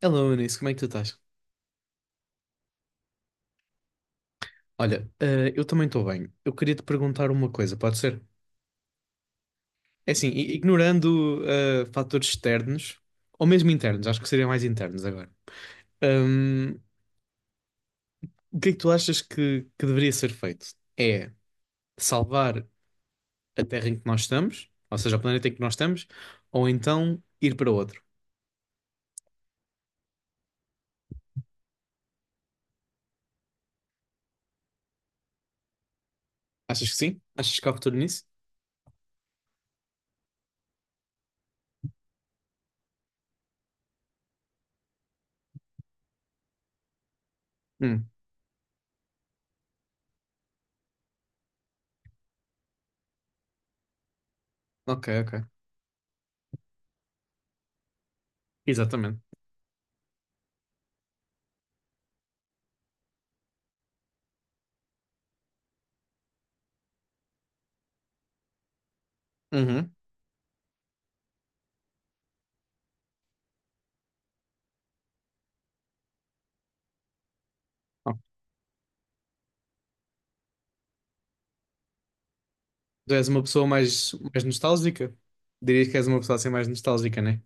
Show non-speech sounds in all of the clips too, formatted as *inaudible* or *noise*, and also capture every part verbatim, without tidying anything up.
Hello, Eunice, como é que tu estás? Olha, eh, eu também estou bem. Eu queria te perguntar uma coisa, pode ser? É assim, i- ignorando eh, fatores externos, ou mesmo internos, acho que seriam mais internos agora. Ahm, o que é que tu achas que, que deveria ser feito? É salvar a Terra em que nós estamos, ou seja, o planeta em que nós estamos, ou então ir para outro? Achas que sim? Achas que há futuro nisso? Hum, ok, ok. Exatamente. Uhum. Ok. Tu és uma pessoa mais, mais nostálgica? Dirias que és uma pessoa assim mais nostálgica, né?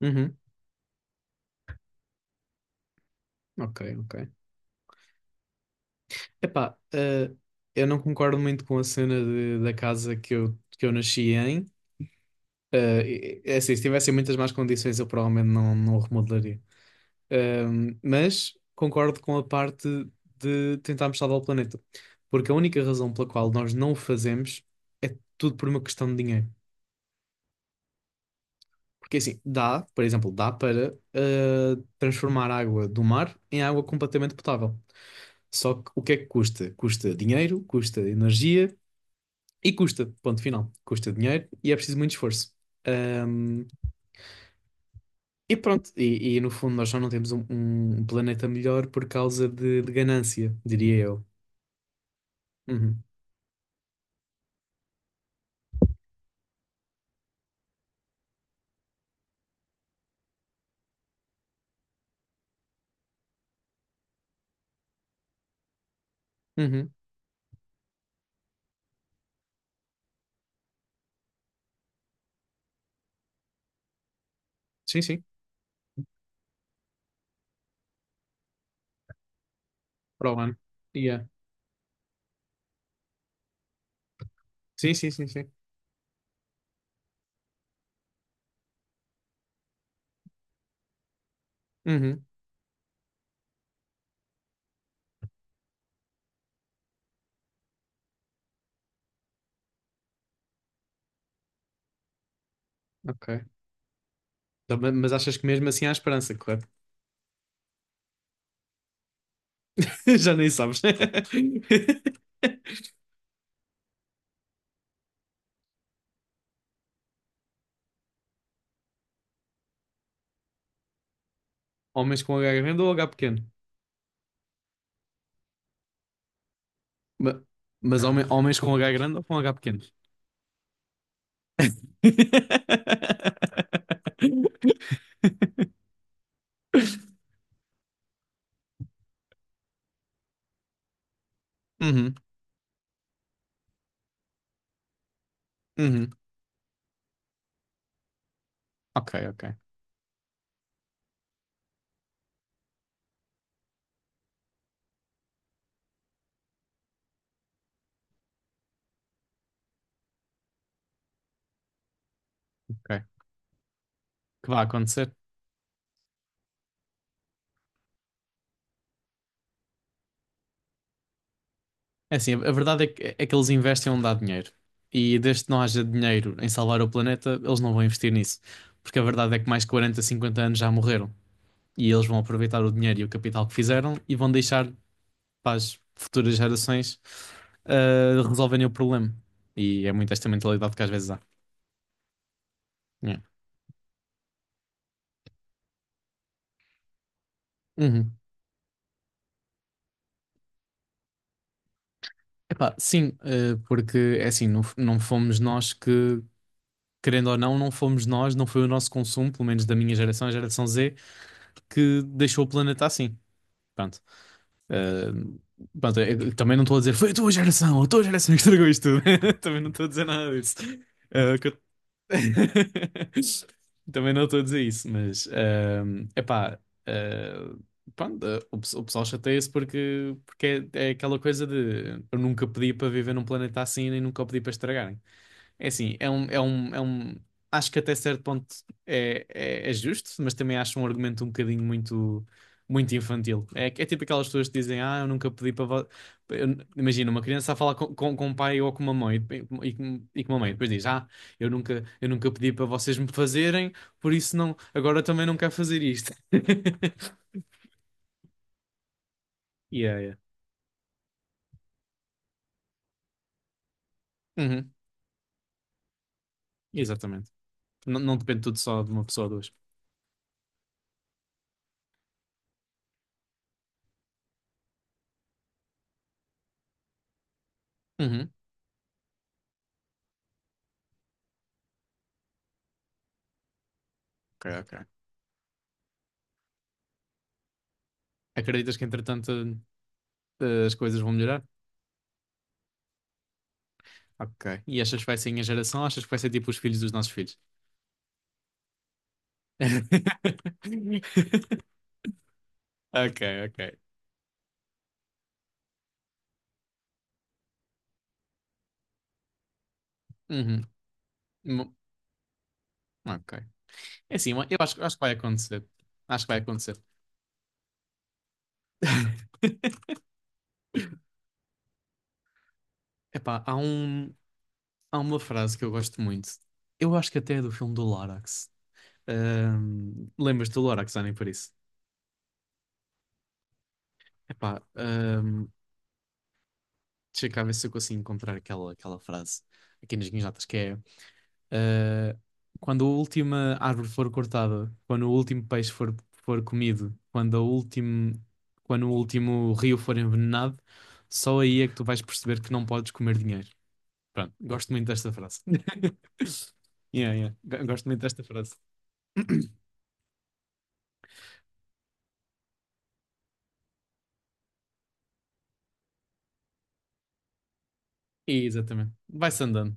Uhum. Ok, ok. Epá, eh, eu não concordo muito com a cena de- da casa que eu, que eu nasci em. Eh, é assim, se tivessem muitas más condições, eu provavelmente não, não o remodelaria. Ehm, mas concordo com a parte de tentarmos salvar o planeta. Porque a única razão pela qual nós não o fazemos é tudo por uma questão de dinheiro. Porque assim, dá, por exemplo, dá para eh, transformar a água do mar em água completamente potável. Só que o que é que custa? Custa dinheiro, custa energia. E custa, ponto final. Custa dinheiro e é preciso muito esforço. Ahm, e pronto, e, e no fundo nós já não temos um, um planeta melhor por causa de, de ganância, diria eu. Uhum. Uhum. Sim, sim. Para o ano. Yeah. Sim, sim, sim, sim. Uhum. Ok. Então, ma- mas achas que mesmo assim há esperança, correto? *laughs* Já nem sabes. *laughs* Homens com H grande ou H pequeno? Ma- Mas, homen- homens com H grande ou com H pequeno? *laughs* Uhum, uhum. Ok, ok. Ok. Que vai acontecer. É assim, a a verdade é que, é que eles investem onde há dinheiro. E desde que não haja dinheiro em salvar o planeta, eles não vão investir nisso. Porque a verdade é que mais de quarenta, cinquenta anos já morreram. E eles vão aproveitar o dinheiro e o capital que fizeram e vão deixar para as futuras gerações ah, resolverem o problema. E é muito esta mentalidade que às vezes há. Yeah. Uhum. Epá, sim, ah, porque é assim, não, f- não fomos nós que, querendo ou não, não fomos nós, não foi o nosso consumo, pelo menos da minha geração, a geração Z que deixou o planeta assim. Pronto. Eh, pronto, eu também não estou a dizer foi a tua geração, a tua geração que estragou isto tudo. *laughs* Também não estou a dizer nada disso. Eh, que eu- *laughs* Também não estou a dizer isso, mas eh, epá, eh, pronto, eh, o, pe- o pessoal chateia-se porque, porque é, é aquela coisa de eu nunca pedi para viver num planeta assim nem nunca o pedi para estragar. É assim, é um, é um, é um. Acho que até certo ponto é, é, é justo, mas também acho um argumento um bocadinho muito, muito infantil. É, que- é tipo aquelas pessoas que dizem: Ah, eu nunca pedi para. vo- Eu- Imagina, uma criança a falar com, com, com um pai ou com uma mãe e, e, com- e com uma mãe, depois diz: Ah, eu nunca, eu nunca pedi para vocês me fazerem, por isso não, agora também não quero fazer isto. *laughs* Yeah, yeah. Uhum, exatamente. Não, não depende tudo só de uma pessoa ou duas. Uhum, ok, ok. Acreditas que entretanto eh, as coisas vão melhorar? Ok. E achas que vai ser a minha geração? Ou achas que vai ser tipo os filhos dos nossos filhos? *laughs* Ok, ok. Uhum. Mo- Ok. É assim, eu acho, acho que vai acontecer. Acho que vai acontecer. *laughs* Epá, há um, há uma frase que eu gosto muito. Eu acho que até é do filme do Lorax. Ahm, lembras-te do Lorax, Annie, por isso? Epá, ahm, deixa cá ver se eu consigo encontrar aquela, aquela frase aqui nas minhas notas, que é eh, quando a última árvore for cortada, quando o último peixe for, for comido, quando, a último, quando o último rio for envenenado, só aí é que tu vais perceber que não podes comer dinheiro. Pronto, gosto muito desta frase. *laughs* Yeah, yeah. Go- Gosto muito desta frase. E, Exatamente. Vai-se andando.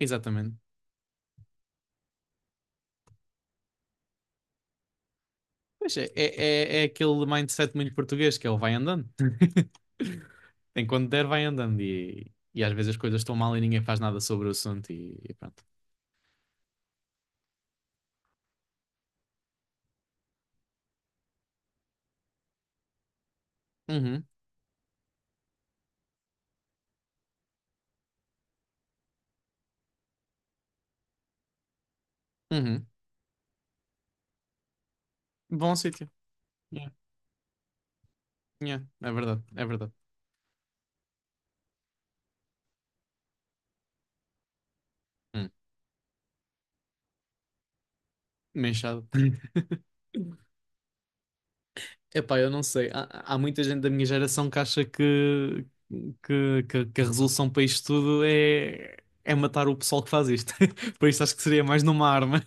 Exatamente. Pois é, é, é, é aquele mindset muito português que é o vai andando. *laughs* Enquanto der, vai andando. E, e às vezes as coisas estão mal e ninguém faz nada sobre o assunto. E, e pronto. Uhum, uhum. Bom sítio. Yeah, yeah, é verdade, é verdade. Hum. Uma enxada. *laughs* Epá, eu não sei. Há, há muita gente da minha geração que acha que, que, que, que a resolução para isto tudo é, é matar o pessoal que faz isto. *laughs* Por isso acho que seria mais numa arma.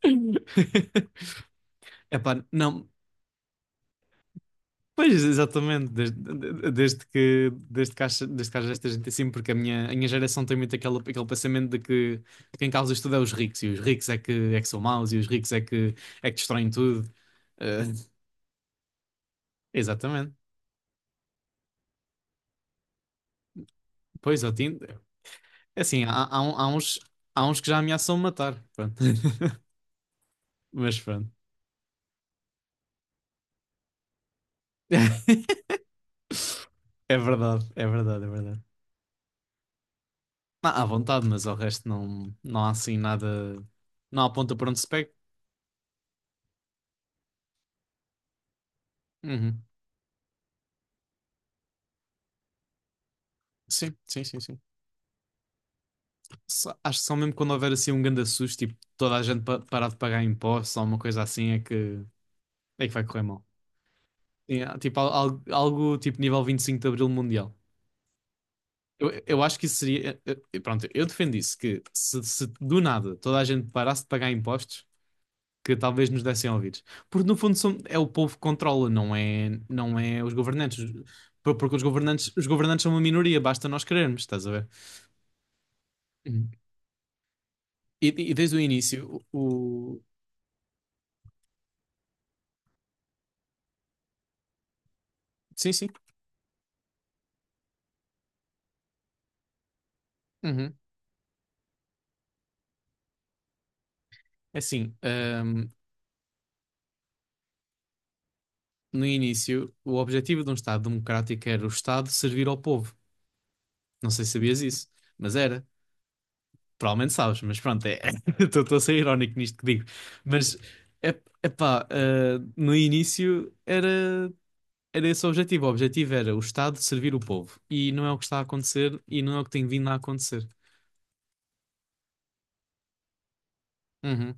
*laughs* Epá, não. Pois, exatamente, desde, de- desde que, desde que, haja, desde que haja esta gente assim, porque a minha, a minha geração tem muito aquele, aquele pensamento de que quem causa isto tudo é os ricos, e os ricos é que, é que são maus, e os ricos é que, é que destroem tudo. Eh, exatamente. Pois, Otim, é assim, há, há, um- há uns, há uns que já ameaçam matar, pronto. *laughs* Mas pronto. *laughs* É verdade, é verdade, é verdade. Ah, à vontade, mas ao resto não, não há assim nada, não aponta para onde se pega. Uhum. Sim, sim, sim, sim. Só- acho que só mesmo quando houver assim um grande susto, tipo, toda a gente pa- parar de pagar impostos ou uma coisa assim, é que, é que vai correr mal. E, ah, tipo, al- al- algo, tipo nível vinte e cinco de Abril Mundial. Eu, eu acho que isso seria. eu- eu- Pronto, eu defendo isso, que se, se do nada toda a gente parasse de pagar impostos, que talvez nos dessem ouvidos. Porque no fundo são- é o povo que controla, não é, não é os governantes. Por- Porque os governantes, os governantes são uma minoria, basta nós querermos, estás a ver? Uhum. E, e desde o início, o... o- Sim, sim. Uhum. É assim, ahm, no início, o objetivo de um Estado democrático era o Estado servir ao povo. Não sei se sabias isso, mas era. Provavelmente sabes, mas pronto, é, *laughs* estou a ser irónico nisto que digo. Mas, é, epá, ah, no início era, era esse o objetivo. O objetivo era o Estado servir o povo. E não é o que está a acontecer e não é o que tem vindo a acontecer. Uhum.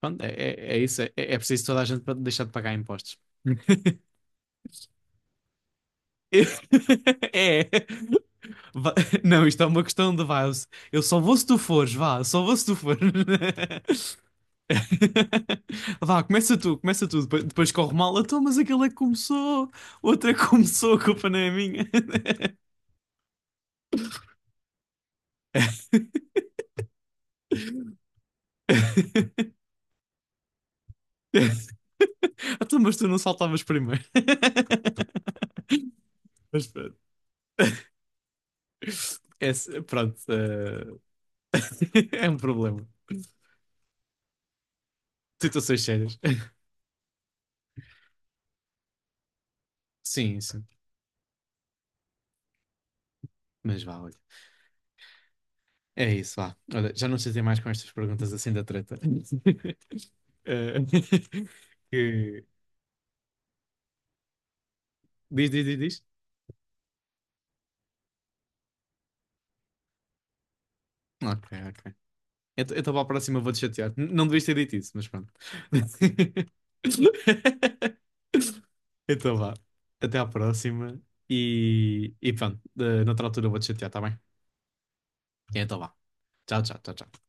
Pronto, é, é, é isso. É, é preciso toda a gente pa- deixar de pagar impostos. *laughs* É. Va- *laughs* Não, isto é uma questão de vá. Eu só vou se tu fores, vá, só vou se tu fores. *laughs* Vá, começa tu, começa tu. Depois, depois corre mal. Então, mas aquele é que começou, o outro é que começou, a culpa não é minha. *laughs* Então, mas tu não saltavas primeiro. *laughs* Mas pronto. Esse- pronto, eh, *laughs* é um problema. Situações sérias. Sim, sim. Mas vá, olha. É isso, vá. Olha, já não chatei mais com estas perguntas assim da treta. *laughs* Eh, *laughs* que- Diz, diz, diz, diz. Ok, ok. Eu estava à próxima, vou-te chatear. N- Não devias ter dito isso, mas pronto. *laughs* Então vá. Até à próxima. E, e pronto, eh, noutra altura eu vou-te chatear, tá bem? Então vá. Tchau, tchau, tchau, tchau.